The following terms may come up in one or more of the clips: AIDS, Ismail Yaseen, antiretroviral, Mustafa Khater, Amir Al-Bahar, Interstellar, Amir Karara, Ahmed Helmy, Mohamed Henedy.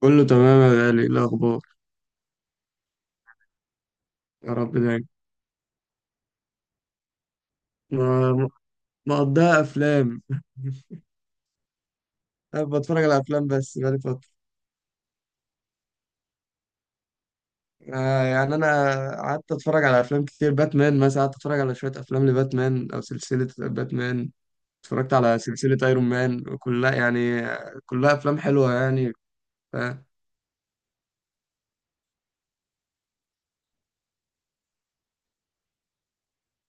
كله تمام يا غالي، إيه الأخبار؟ يا رب دايما. ما- مقضيها أفلام. أنا بتفرج على أفلام بس بقالي فترة. يعني أنا قعدت أتفرج على أفلام كتير، باتمان مثلا، قعدت أتفرج على شوية أفلام لباتمان أو سلسلة باتمان. اتفرجت على سلسلة أيرون مان كلها يعني، كلها أفلام حلوة يعني. ف-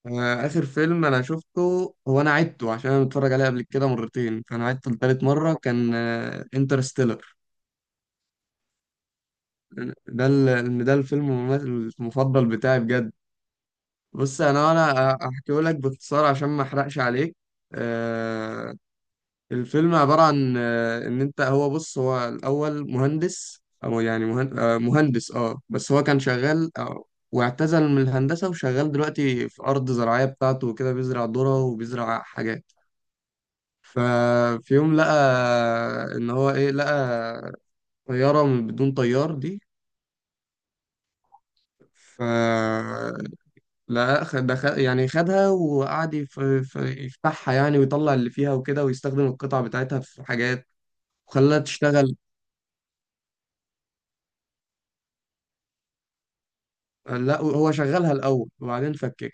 آخر فيلم أنا شفته، هو أنا عدته عشان أنا متفرج عليه قبل كده مرتين، فأنا عدته لتالت مرة، كان انترستيلر. ده الفيلم المفضل بتاعي بجد. بص، انا احكيه لك باختصار عشان ما احرقش عليك. آه، الفيلم عباره عن آه ان انت، هو بص، هو الاول مهندس، او يعني مهندس، اه بس هو كان شغال واعتزل من الهندسه، وشغال دلوقتي في ارض زراعيه بتاعته وكده، بيزرع ذره وبيزرع حاجات. ففي يوم لقى، ان هو ايه، لقى طياره من بدون طيار دي. ف لا خ- ده خ... يعني خدها وقعد يفتحها يعني ويطلع اللي فيها وكده، ويستخدم القطع بتاعتها في حاجات، وخلاها تشتغل. لا، هو شغلها الأول وبعدين فككها.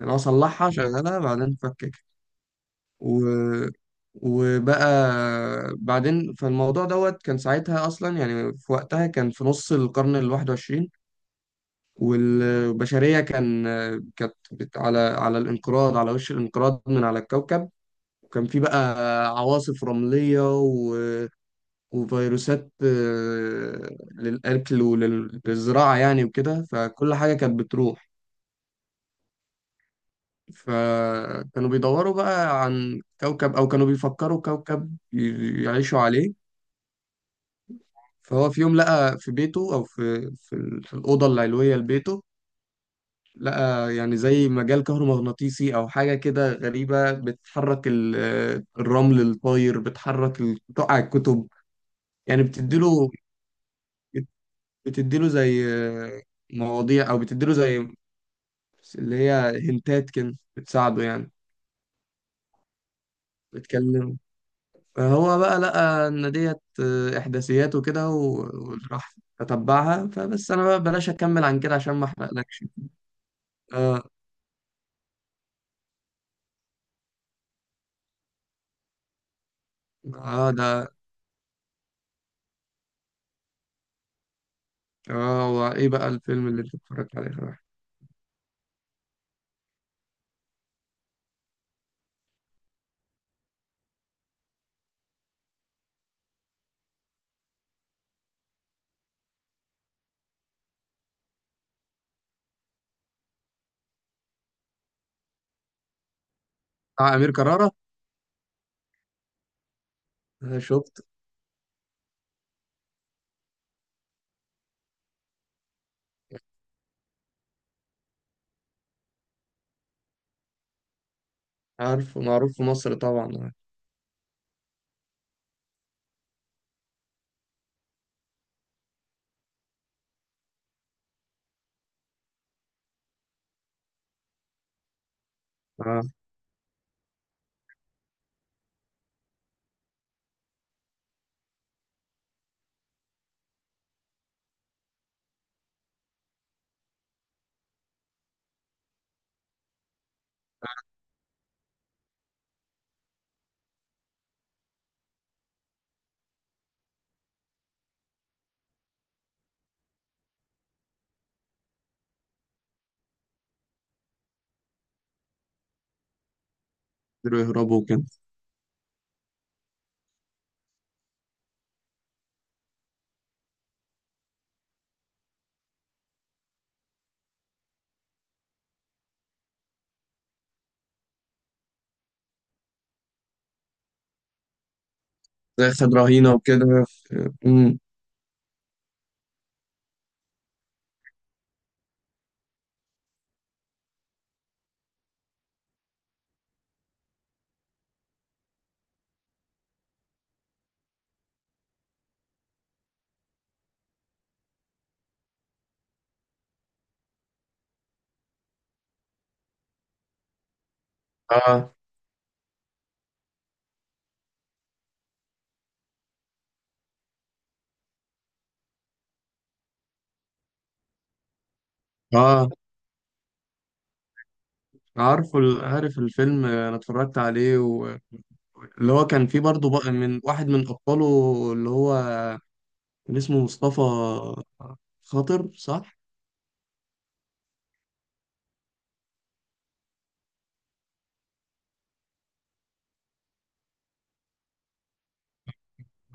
يعني هو صلحها، شغلها، بعدين فككها. و... وبقى بعدين، فالموضوع دوت كان ساعتها أصلا، يعني في وقتها كان في نص القرن الواحد وعشرين. والبشرية كانت على على الانقراض، على وش الانقراض من على الكوكب. وكان في بقى عواصف رملية، وفيروسات للأكل وللزراعة يعني وكده، فكل حاجة كانت بتروح. فكانوا بيدوروا بقى عن كوكب، أو كانوا بيفكروا كوكب يعيشوا عليه. فهو في يوم لقى في بيته، أو في الأوضة العلوية لبيته، لقى يعني زي مجال كهرومغناطيسي أو حاجة كده غريبة، بتحرك ال- آه، الرمل الطاير، بتقع الكتب يعني، بتديله. بتديله زي آه، مواضيع، او بتديله زي، بس اللي هي، هنتات كده بتساعده يعني، بتكلمه. فهو بقى لقى إن ديت إحداثيات وكده، وراح أتبعها. فبس أنا بقى بلاش أكمل عن كده عشان ما أحرقلكش. آه آه ده آه هو إيه بقى الفيلم اللي أنت اتفرجت عليه صراحة؟ بتاع أمير كرارة. آه، شفت. عارف، معروف في مصر طبعا. آه. قدروا يهربوا وكده. زي خد رهينة وكده. امم. اه اه، عارف الفيلم، آه، انا اتفرجت عليه، اللي هو كان فيه برضه بقى من واحد من أبطاله، اللي هو كان اسمه مصطفى خاطر، صح؟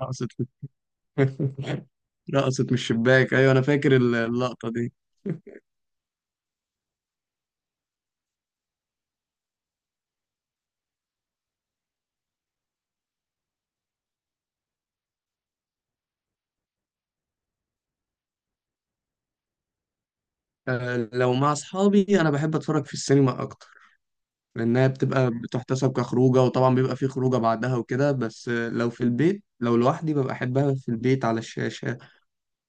رقصت. رقصت من الشباك، أيوه أنا فاكر اللقطة دي. آه، لو مع أصحابي أنا بحب أتفرج في السينما أكتر، لأنها بتبقى بتحتسب كخروجة، وطبعا بيبقى في خروجة بعدها وكده. بس آه، لو في البيت، لو لوحدي، ببقى أحبها في البيت على الشاشة،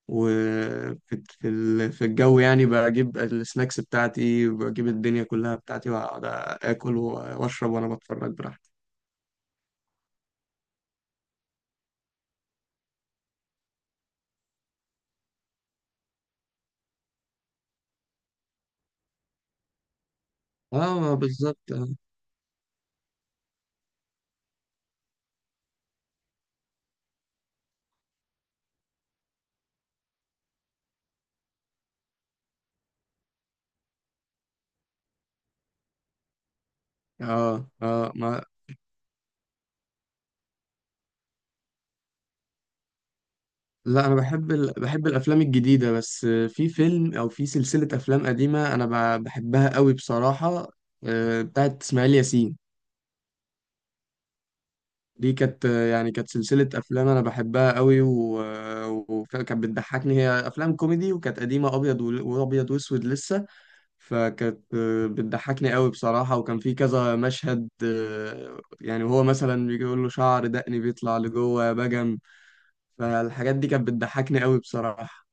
وفي، في الجو يعني، بجيب السناكس بتاعتي، بجيب الدنيا كلها بتاعتي، وأقعد آكل وأشرب وأنا بتفرج براحتي. اه بالظبط اه. اه آه، ما. لا، انا بحب بحب الافلام الجديده، بس في فيلم او في سلسله افلام قديمه انا بحبها قوي بصراحه. آه، بتاعت اسماعيل ياسين، دي كانت آه، يعني كانت سلسله افلام انا بحبها قوي، وكانت بتضحكني، هي افلام كوميدي، وكانت قديمه، ابيض وابيض واسود لسه. فكانت آه، بتضحكني قوي بصراحه، وكان في كذا مشهد آه، يعني وهو مثلا بيجي يقول له شعر دقني بيطلع لجوه يا بجم. فالحاجات دي كانت بتضحكني قوي بصراحة.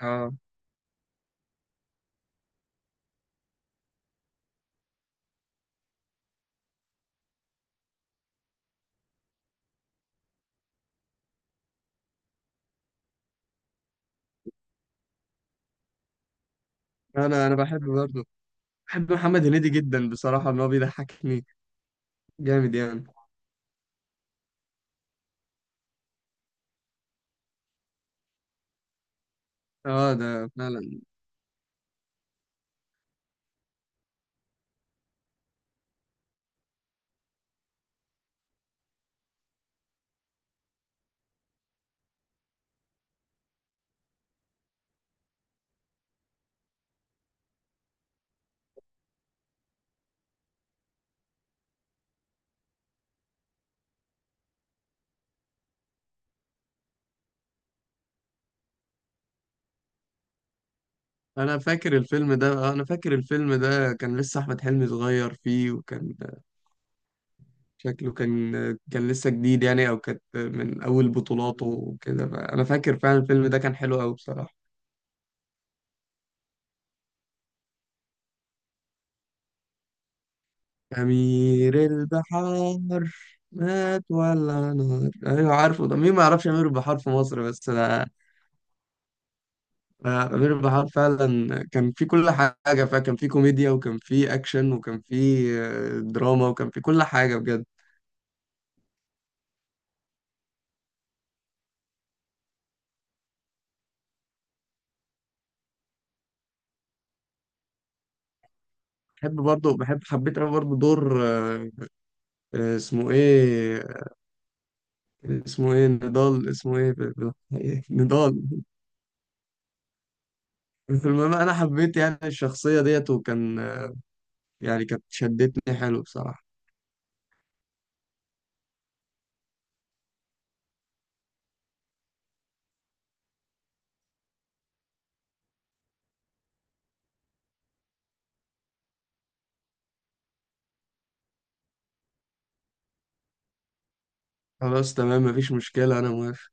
اه، انا بحب برضه، بحب محمد هنيدي جدا بصراحة، ان هو بيضحكني، جامد يعني. اه ده فعلا. انا فاكر الفيلم ده، آه، انا فاكر الفيلم ده كان لسه احمد حلمي صغير فيه، وكان شكله كان، كان لسه جديد يعني، او كانت من اول بطولاته وكده. انا فاكر فعلا الفيلم ده كان حلو قوي بصراحة. أمير البحار، مات ولا نار، أيوة عارفه، ده مين ما يعرفش أمير البحار في مصر، بس ده آه، أمير بحار فعلا كان في كل حاجة، فكان في كوميديا، وكان في أكشن، وكان في آه، دراما، وكان في كل حاجة بجد. بحب برضه، بحب، حبيت أوي برضه دور اسمه إيه، اسمه إيه، نضال، اسمه إيه إيه؟ نضال. المهم أنا حبيت يعني الشخصية ديت، وكان آه، يعني كانت شدتني حلو بصراحة. خلاص تمام، مفيش مشكلة، أنا موافق.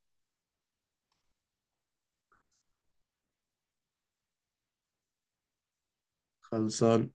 خلصان.